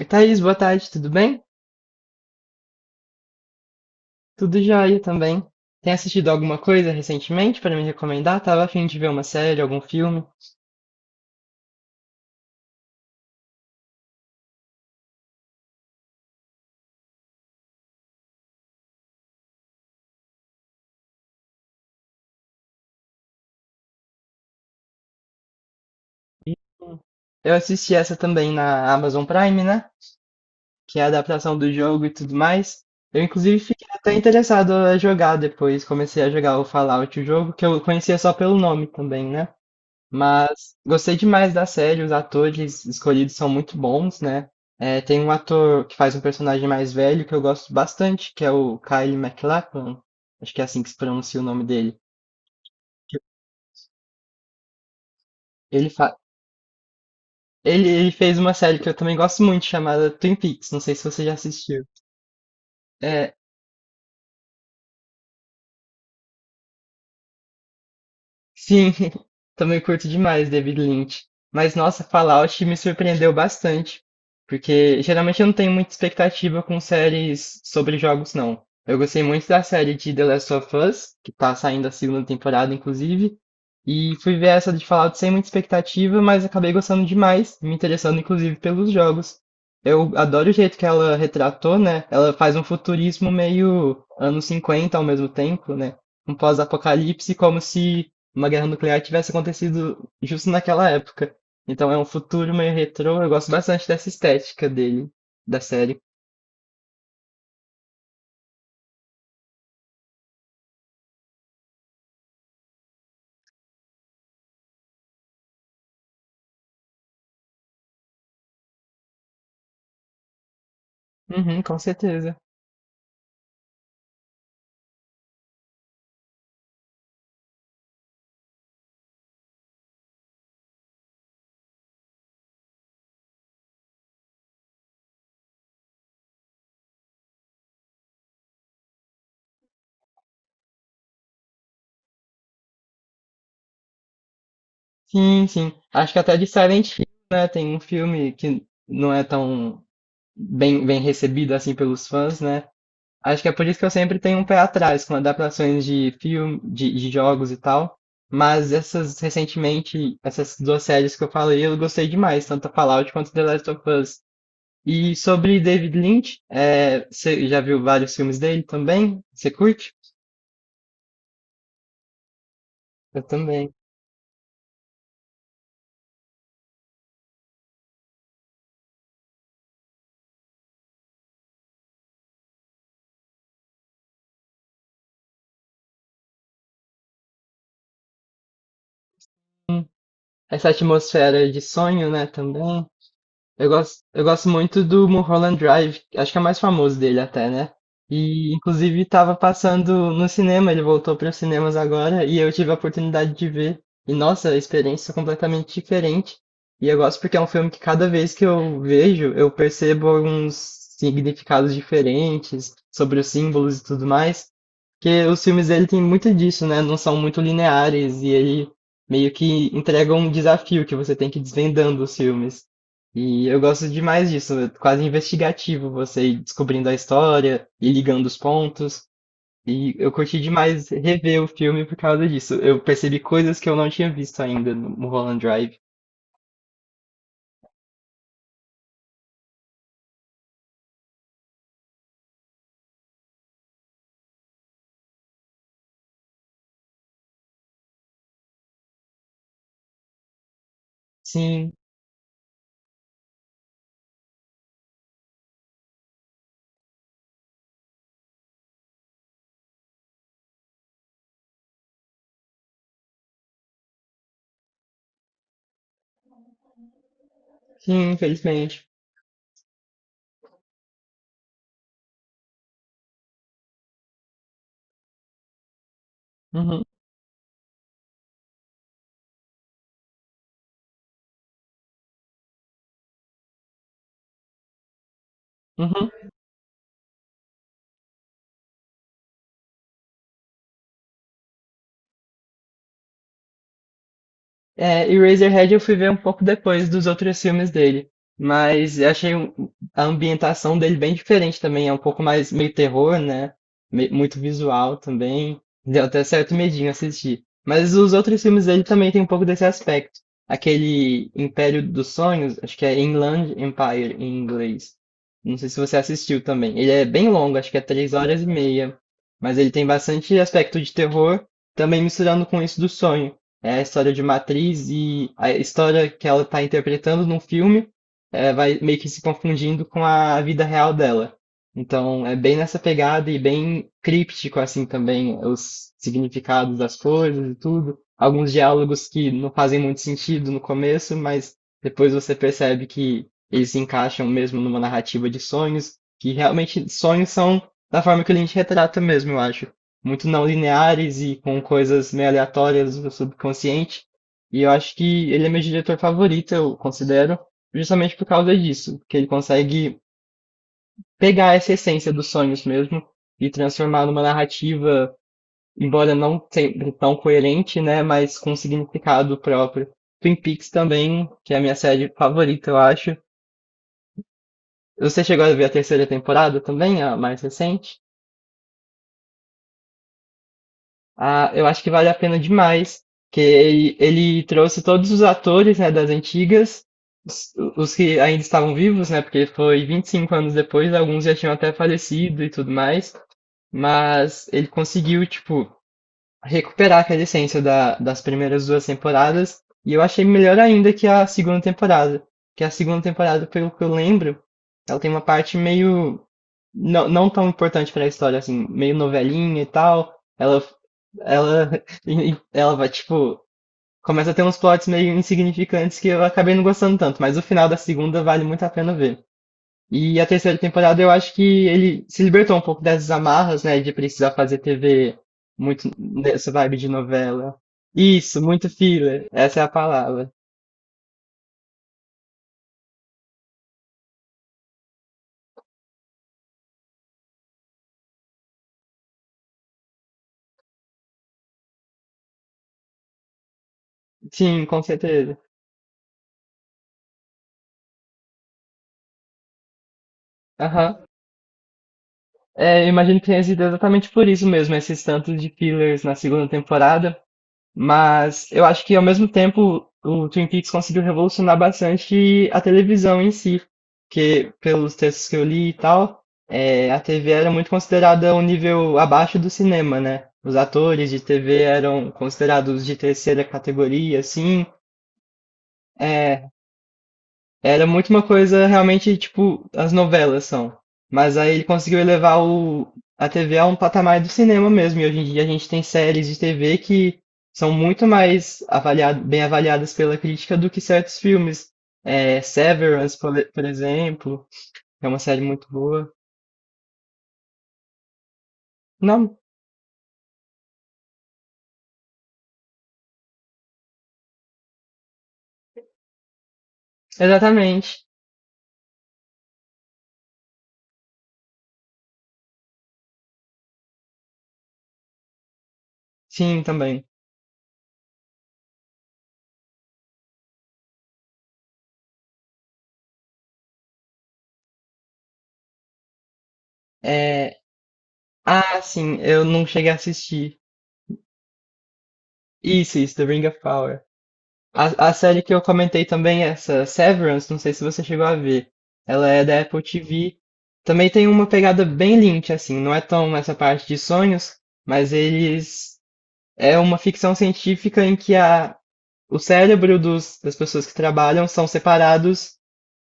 Oi, Thaís, boa tarde, tudo bem? Tudo jóia também. Tem assistido alguma coisa recentemente para me recomendar? Tava a fim de ver uma série, algum filme. Hum. Eu assisti essa também na Amazon Prime, né? Que é a adaptação do jogo e tudo mais. Eu, inclusive, fiquei até interessado a jogar depois. Comecei a jogar o Fallout, o jogo, que eu conhecia só pelo nome também, né? Mas gostei demais da série, os atores escolhidos são muito bons, né? É, tem um ator que faz um personagem mais velho que eu gosto bastante, que é o Kyle MacLachlan, acho que é assim que se pronuncia o nome dele. Que Ele, fa... ele fez uma série que eu também gosto muito, chamada Twin Peaks, não sei se você já assistiu. É, sim, também curto demais David Lynch. Mas nossa, Fallout me surpreendeu bastante, porque geralmente eu não tenho muita expectativa com séries sobre jogos, não. Eu gostei muito da série de The Last of Us, que tá saindo a segunda temporada, inclusive, e fui ver essa de Fallout sem muita expectativa, mas acabei gostando demais, me interessando inclusive pelos jogos. Eu adoro o jeito que ela retratou, né? Ela faz um futurismo meio anos 50 ao mesmo tempo, né? Um pós-apocalipse como se uma guerra nuclear tivesse acontecido justo naquela época. Então é um futuro meio retrô, eu gosto bastante dessa estética dele, da série. Uhum, com certeza. Sim, sim. Acho que até de Silent Hill, né? Tem um filme que não é tão bem recebido assim pelos fãs, né? Acho que é por isso que eu sempre tenho um pé atrás com adaptações de filme, de jogos e tal. Mas essas recentemente, essas duas séries que eu falei, eu gostei demais, tanto a Fallout quanto The Last of Us. E sobre David Lynch, é, você já viu vários filmes dele também? Você curte? Eu também. Essa atmosfera de sonho, né, também. Eu gosto muito do Mulholland Drive, acho que é o mais famoso dele até, né? E inclusive estava passando no cinema, ele voltou para os cinemas agora e eu tive a oportunidade de ver. E nossa, a experiência é completamente diferente. E eu gosto porque é um filme que cada vez que eu vejo, eu percebo alguns significados diferentes sobre os símbolos e tudo mais. Porque os filmes dele tem muito disso, né? Não são muito lineares e ele meio que entrega um desafio que você tem que ir desvendando os filmes. E eu gosto demais disso, é quase investigativo, você ir descobrindo a história e ligando os pontos. E eu curti demais rever o filme por causa disso. Eu percebi coisas que eu não tinha visto ainda no Mulholland Drive. Sim, sim, infelizmente. Uhum, uhum. É, e Eraserhead eu fui ver um pouco depois dos outros filmes dele. Mas eu achei a ambientação dele bem diferente também. É um pouco mais meio terror, né? Muito visual também. Deu até certo medinho assistir. Mas os outros filmes dele também tem um pouco desse aspecto. Aquele Império dos Sonhos, acho que é Inland Empire em inglês. Não sei se você assistiu também. Ele é bem longo, acho que é 3 horas e meia. Mas ele tem bastante aspecto de terror, também misturando com isso do sonho. É a história de uma atriz e a história que ela está interpretando num filme, vai meio que se confundindo com a vida real dela. Então, é bem nessa pegada e bem críptico, assim, também, os significados das coisas e tudo. Alguns diálogos que não fazem muito sentido no começo, mas depois você percebe que eles se encaixam mesmo numa narrativa de sonhos, que realmente sonhos são da forma que a gente retrata mesmo, eu acho muito não lineares e com coisas meio aleatórias do subconsciente. E eu acho que ele é meu diretor favorito, eu considero, justamente por causa disso, que ele consegue pegar essa essência dos sonhos mesmo e transformar numa narrativa, embora não sempre tão coerente, né, mas com significado próprio. Twin Peaks também, que é a minha série favorita, eu acho. Você chegou a ver a terceira temporada também, a mais recente? Ah, eu acho que vale a pena demais, que ele trouxe todos os atores, né, das antigas, os que ainda estavam vivos, né, porque foi 25 anos depois, alguns já tinham até falecido e tudo mais, mas ele conseguiu, tipo, recuperar aquela essência da, das primeiras duas temporadas. E eu achei melhor ainda que a segunda temporada. Que a segunda temporada, pelo que eu lembro, ela tem uma parte meio. Não, não tão importante para a história, assim, meio novelinha e tal. Ela. Ela. E Ela vai, tipo, começa a ter uns plots meio insignificantes que eu acabei não gostando tanto, mas o final da segunda vale muito a pena ver. E a terceira temporada eu acho que ele se libertou um pouco dessas amarras, né, de precisar fazer TV muito nessa vibe de novela. Isso, muito filler, essa é a palavra. Sim, com certeza. Aham. É, eu imagino que tenha sido exatamente por isso mesmo, esses tantos de fillers na segunda temporada. Mas eu acho que ao mesmo tempo o Twin Peaks conseguiu revolucionar bastante a televisão em si, porque pelos textos que eu li e tal, a TV era muito considerada um nível abaixo do cinema, né? Os atores de TV eram considerados de terceira categoria, assim. É, era muito uma coisa realmente tipo as novelas são. Mas aí ele conseguiu elevar a TV a um patamar do cinema mesmo. E hoje em dia a gente tem séries de TV que são muito mais avaliado, bem avaliadas pela crítica do que certos filmes. É, Severance, por exemplo, é uma série muito boa. Não, exatamente. Sim, também. É, ah, sim, eu não cheguei a assistir. Isso, The Ring of Power. A série que eu comentei também, essa Severance, não sei se você chegou a ver. Ela é da Apple TV. Também tem uma pegada bem Lynch, assim, não é tão essa parte de sonhos, mas eles. É uma ficção científica em que o cérebro das pessoas que trabalham são separados,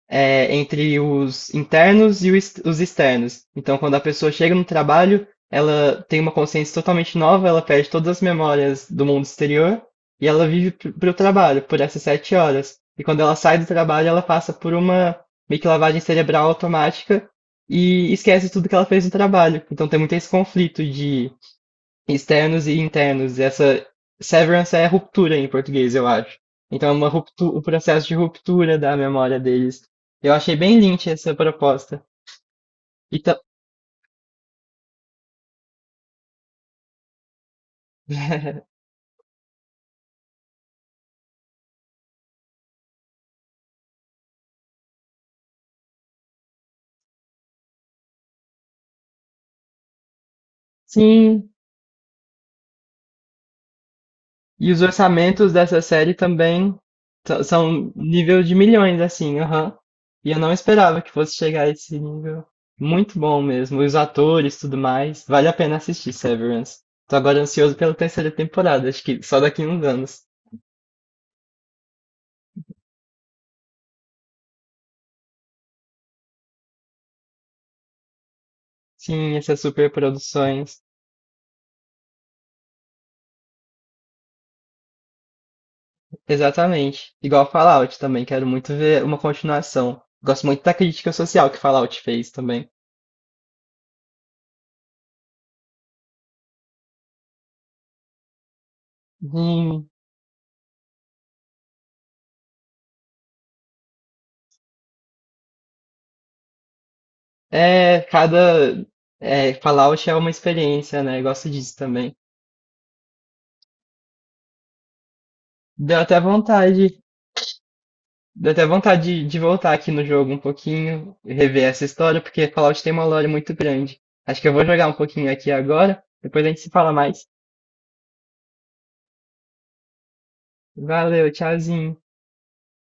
entre os internos e o os externos. Então, quando a pessoa chega no trabalho, ela tem uma consciência totalmente nova, ela perde todas as memórias do mundo exterior e ela vive para o trabalho, por essas 7 horas. E quando ela sai do trabalho, ela passa por uma meio que lavagem cerebral automática e esquece tudo que ela fez no trabalho. Então, tem muito esse conflito de externos e internos. Essa severance é ruptura em português, eu acho. Então é uma o processo de ruptura da memória deles. Eu achei bem lynch essa proposta. E ta- sim, e os orçamentos dessa série também são nível de milhões, assim, aham. E eu não esperava que fosse chegar a esse nível. Muito bom mesmo. Os atores, tudo mais. Vale a pena assistir Severance. Tô agora ansioso pela terceira temporada, acho que só daqui a uns anos. Sim, essas superproduções. Exatamente. Igual Fallout também, quero muito ver uma continuação. Gosto muito da crítica social que Fallout fez também. Hum, é, cada. É, Fallout é uma experiência, né? Eu gosto disso também. Deu até vontade. Deu até vontade de voltar aqui no jogo um pouquinho, rever essa história, porque Fallout tem uma lore muito grande. Acho que eu vou jogar um pouquinho aqui agora, depois a gente se fala mais. Valeu, tchauzinho.